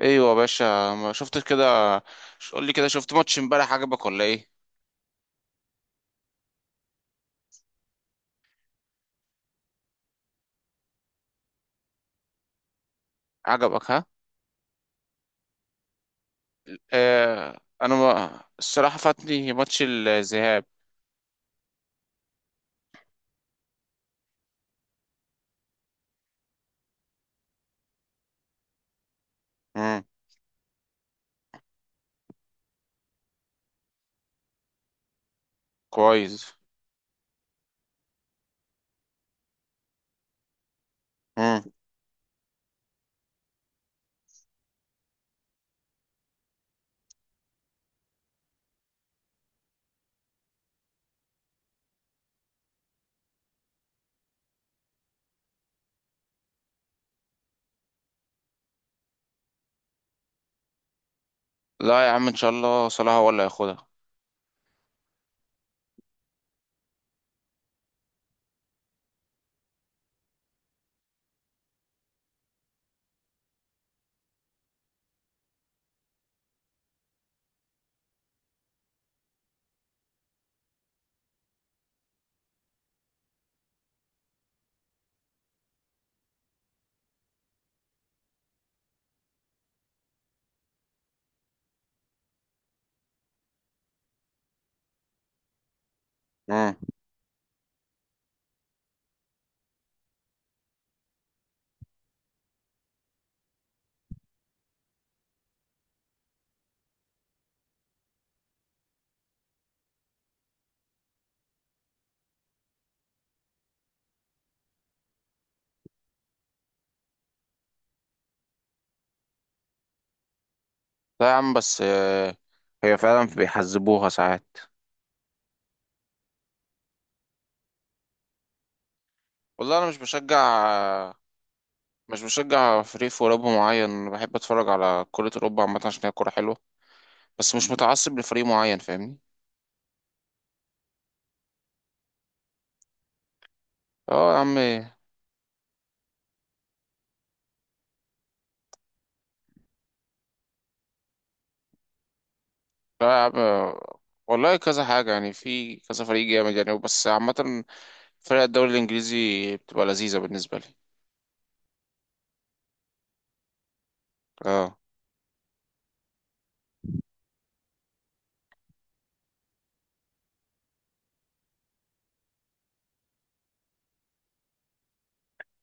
ايوه يا باشا، ما شفتش كده. قول لي كده، شفت ماتش امبارح؟ عجبك ولا ايه؟ عجبك ها؟ آه، انا ما الصراحه فاتني ماتش الذهاب. امم كويس. امم لا يا عم، ان شاء الله صلاح هو اللي هياخدها. امم لا يا عم بس هي فعلا بيحذبوها ساعات. والله انا مش بشجع، مش بشجع فريق في اوروبا معين. بحب اتفرج على كرة اوروبا عامه، عشان هي كوره حلوه. بس مش متعصب لفريق معين، فاهمني. اه يا عم. لا آه، والله كذا حاجة يعني، في كذا فريق جامد يعني، بس عامة فرق الدوري الإنجليزي بتبقى لذيذة بالنسبة لي. اه.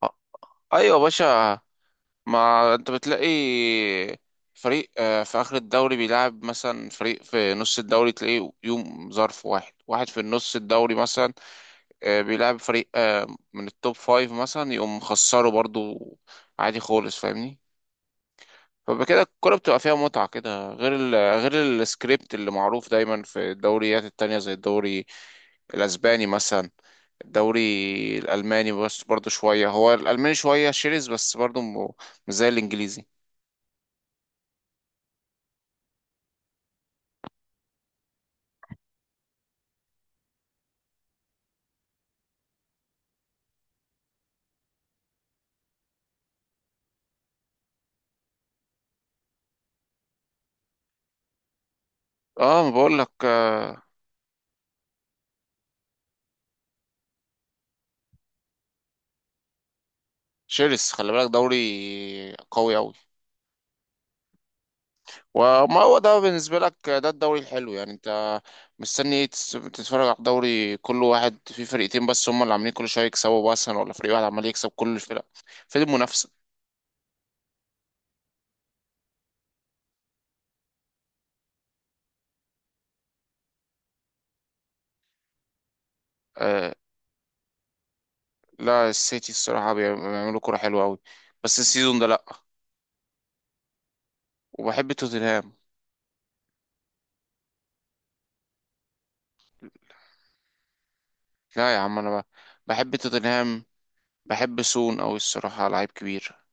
آه، أيوة يا باشا، ما أنت بتلاقي فريق في آخر الدوري بيلعب مثلا، فريق في نص الدوري تلاقيه يوم ظرف واحد واحد في النص الدوري مثلا. بيلعب فريق من التوب فايف مثلا، يقوم خسره برضو عادي خالص، فاهمني. فبقى كده الكورة بتبقى فيها متعة كده، غير السكريبت اللي معروف دايما في الدوريات التانية زي الدوري الأسباني مثلا. الدوري الألماني بس برضه شوية، هو الألماني شوية شرس بس برضه مش زي الإنجليزي. اه ما بقول لك شرس، خلي بالك دوري قوي أوي. وما هو ده بالنسبة لك ده الدوري الحلو يعني، انت مستني ايه؟ تتفرج على الدوري كل واحد فيه فرقتين بس هم اللي عاملين كل شوية يكسبوا مثلا، ولا فريق واحد عمال يكسب كل الفرق؟ فين المنافسة؟ لا، السيتي الصراحة بيعملوا كرة حلوة أوي، بس السيزون ده لأ. وبحب توتنهام. لا يا عم، بحب توتنهام، بحب سون أوي الصراحة، لعيب كبير.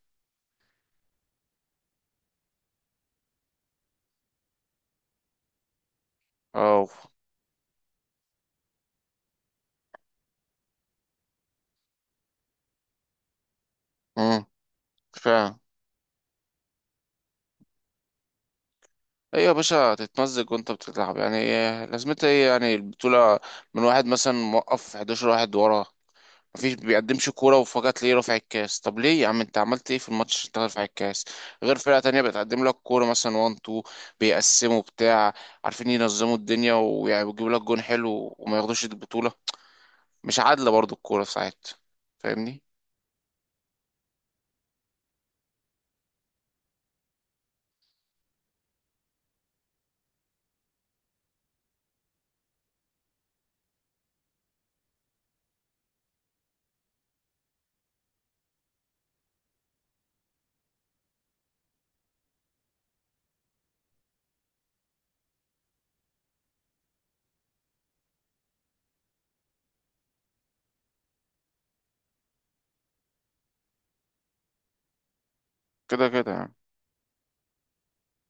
أو مم. فعلا. إيه يا باشا، تتمزج وأنت بتلعب يعني، إيه لازمتها إيه يعني البطولة؟ من واحد مثلا، موقف 11 واحد ورا، مفيش بيقدمش كورة، وفجأة تلاقيه رافع الكاس. طب ليه يا عم؟ انت عملت ايه في الماتش عشان تاخد رافع الكاس؟ غير فرقة تانية بتقدم لك كورة مثلا، وان تو بيقسموا بتاع، عارفين ينظموا الدنيا ويعني بيجيبوا لك جون حلو وما ياخدوش البطولة. مش عادلة برضو الكورة في ساعات، فاهمني. كده كده يعني.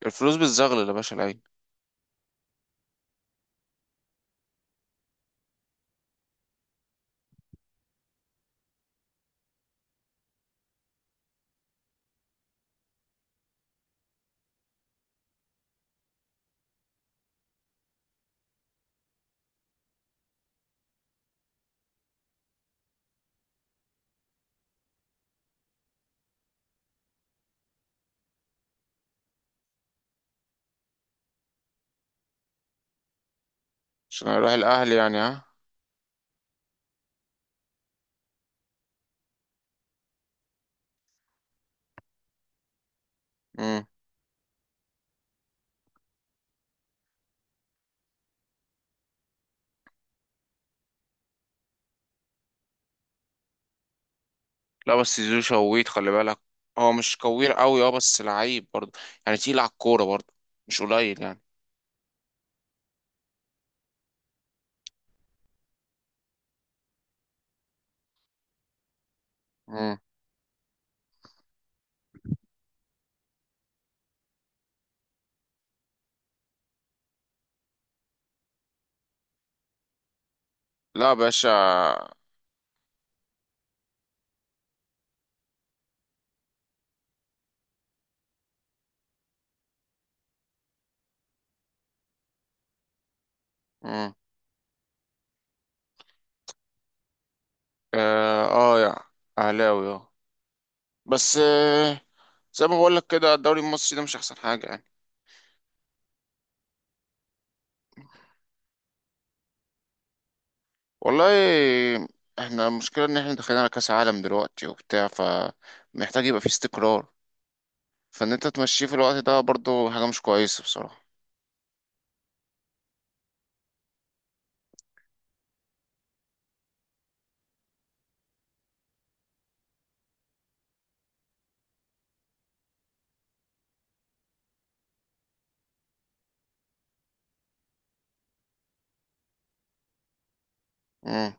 الفلوس بتزغلل يا باشا العين. عشان اروح الاهلي يعني ها. مم. لا بس زيزو شويت خلي بالك، هو مش كوير قوي اه، بس لعيب برضو، يعني تقيل على الكورة برضو، مش قليل يعني. مم. لا يا باشا. مم. اه, آه يا اهلاوي اه. بس آه، زي ما بقول لك كده، الدوري المصري ده مش احسن حاجه يعني. والله احنا المشكله ان احنا داخلين على كاس عالم دلوقتي وبتاع، فمحتاج يبقى فيه استقرار. فان انت تمشيه في الوقت ده برضو حاجه مش كويسه بصراحه. امم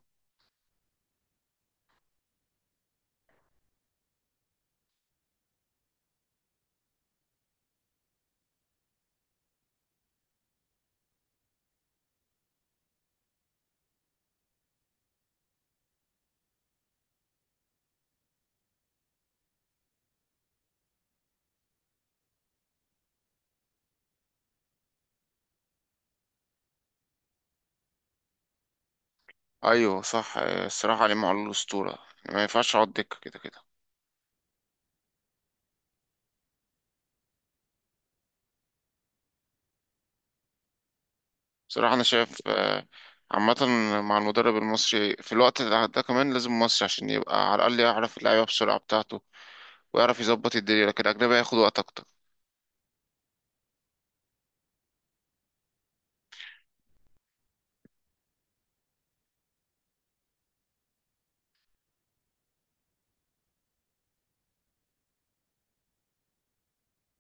ايوه صح، الصراحه علي معلول الاسطوره ما ينفعش اقعد دكه كده كده. بصراحه انا شايف آه، عامة مع المدرب المصري في الوقت ده، ده كمان لازم مصري عشان يبقى على الأقل يعرف اللعيبة بسرعة بتاعته، ويعرف يظبط الدنيا. لكن الأجنبي هياخد وقت أكتر.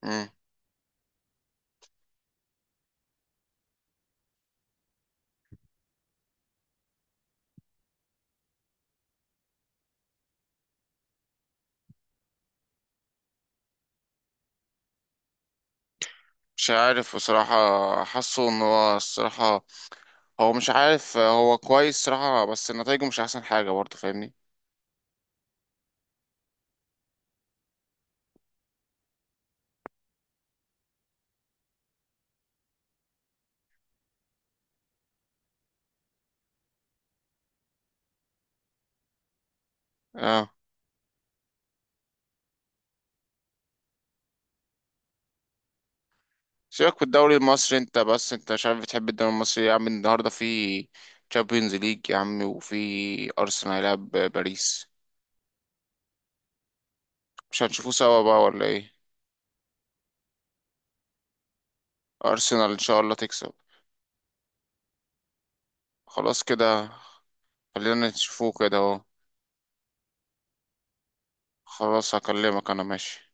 مم. مش عارف بصراحة، حاسه إن هو الصراحة هو مش عارف، هو كويس صراحة بس نتايجه مش أحسن حاجة برضه، فاهمني. اه، سيبك من الدوري المصري انت، بس انت مش عارف بتحب الدوري المصري إيه يا عم! النهاردة في تشامبيونز ليج يا عم، وفي أرسنال هيلعب باريس. مش هنشوفوه سوا بقى ولا ايه؟ أرسنال إن شاء الله تكسب. خلاص كده، خلينا نشوفوه كده اهو. خلاص هكلمك أنا ماشي.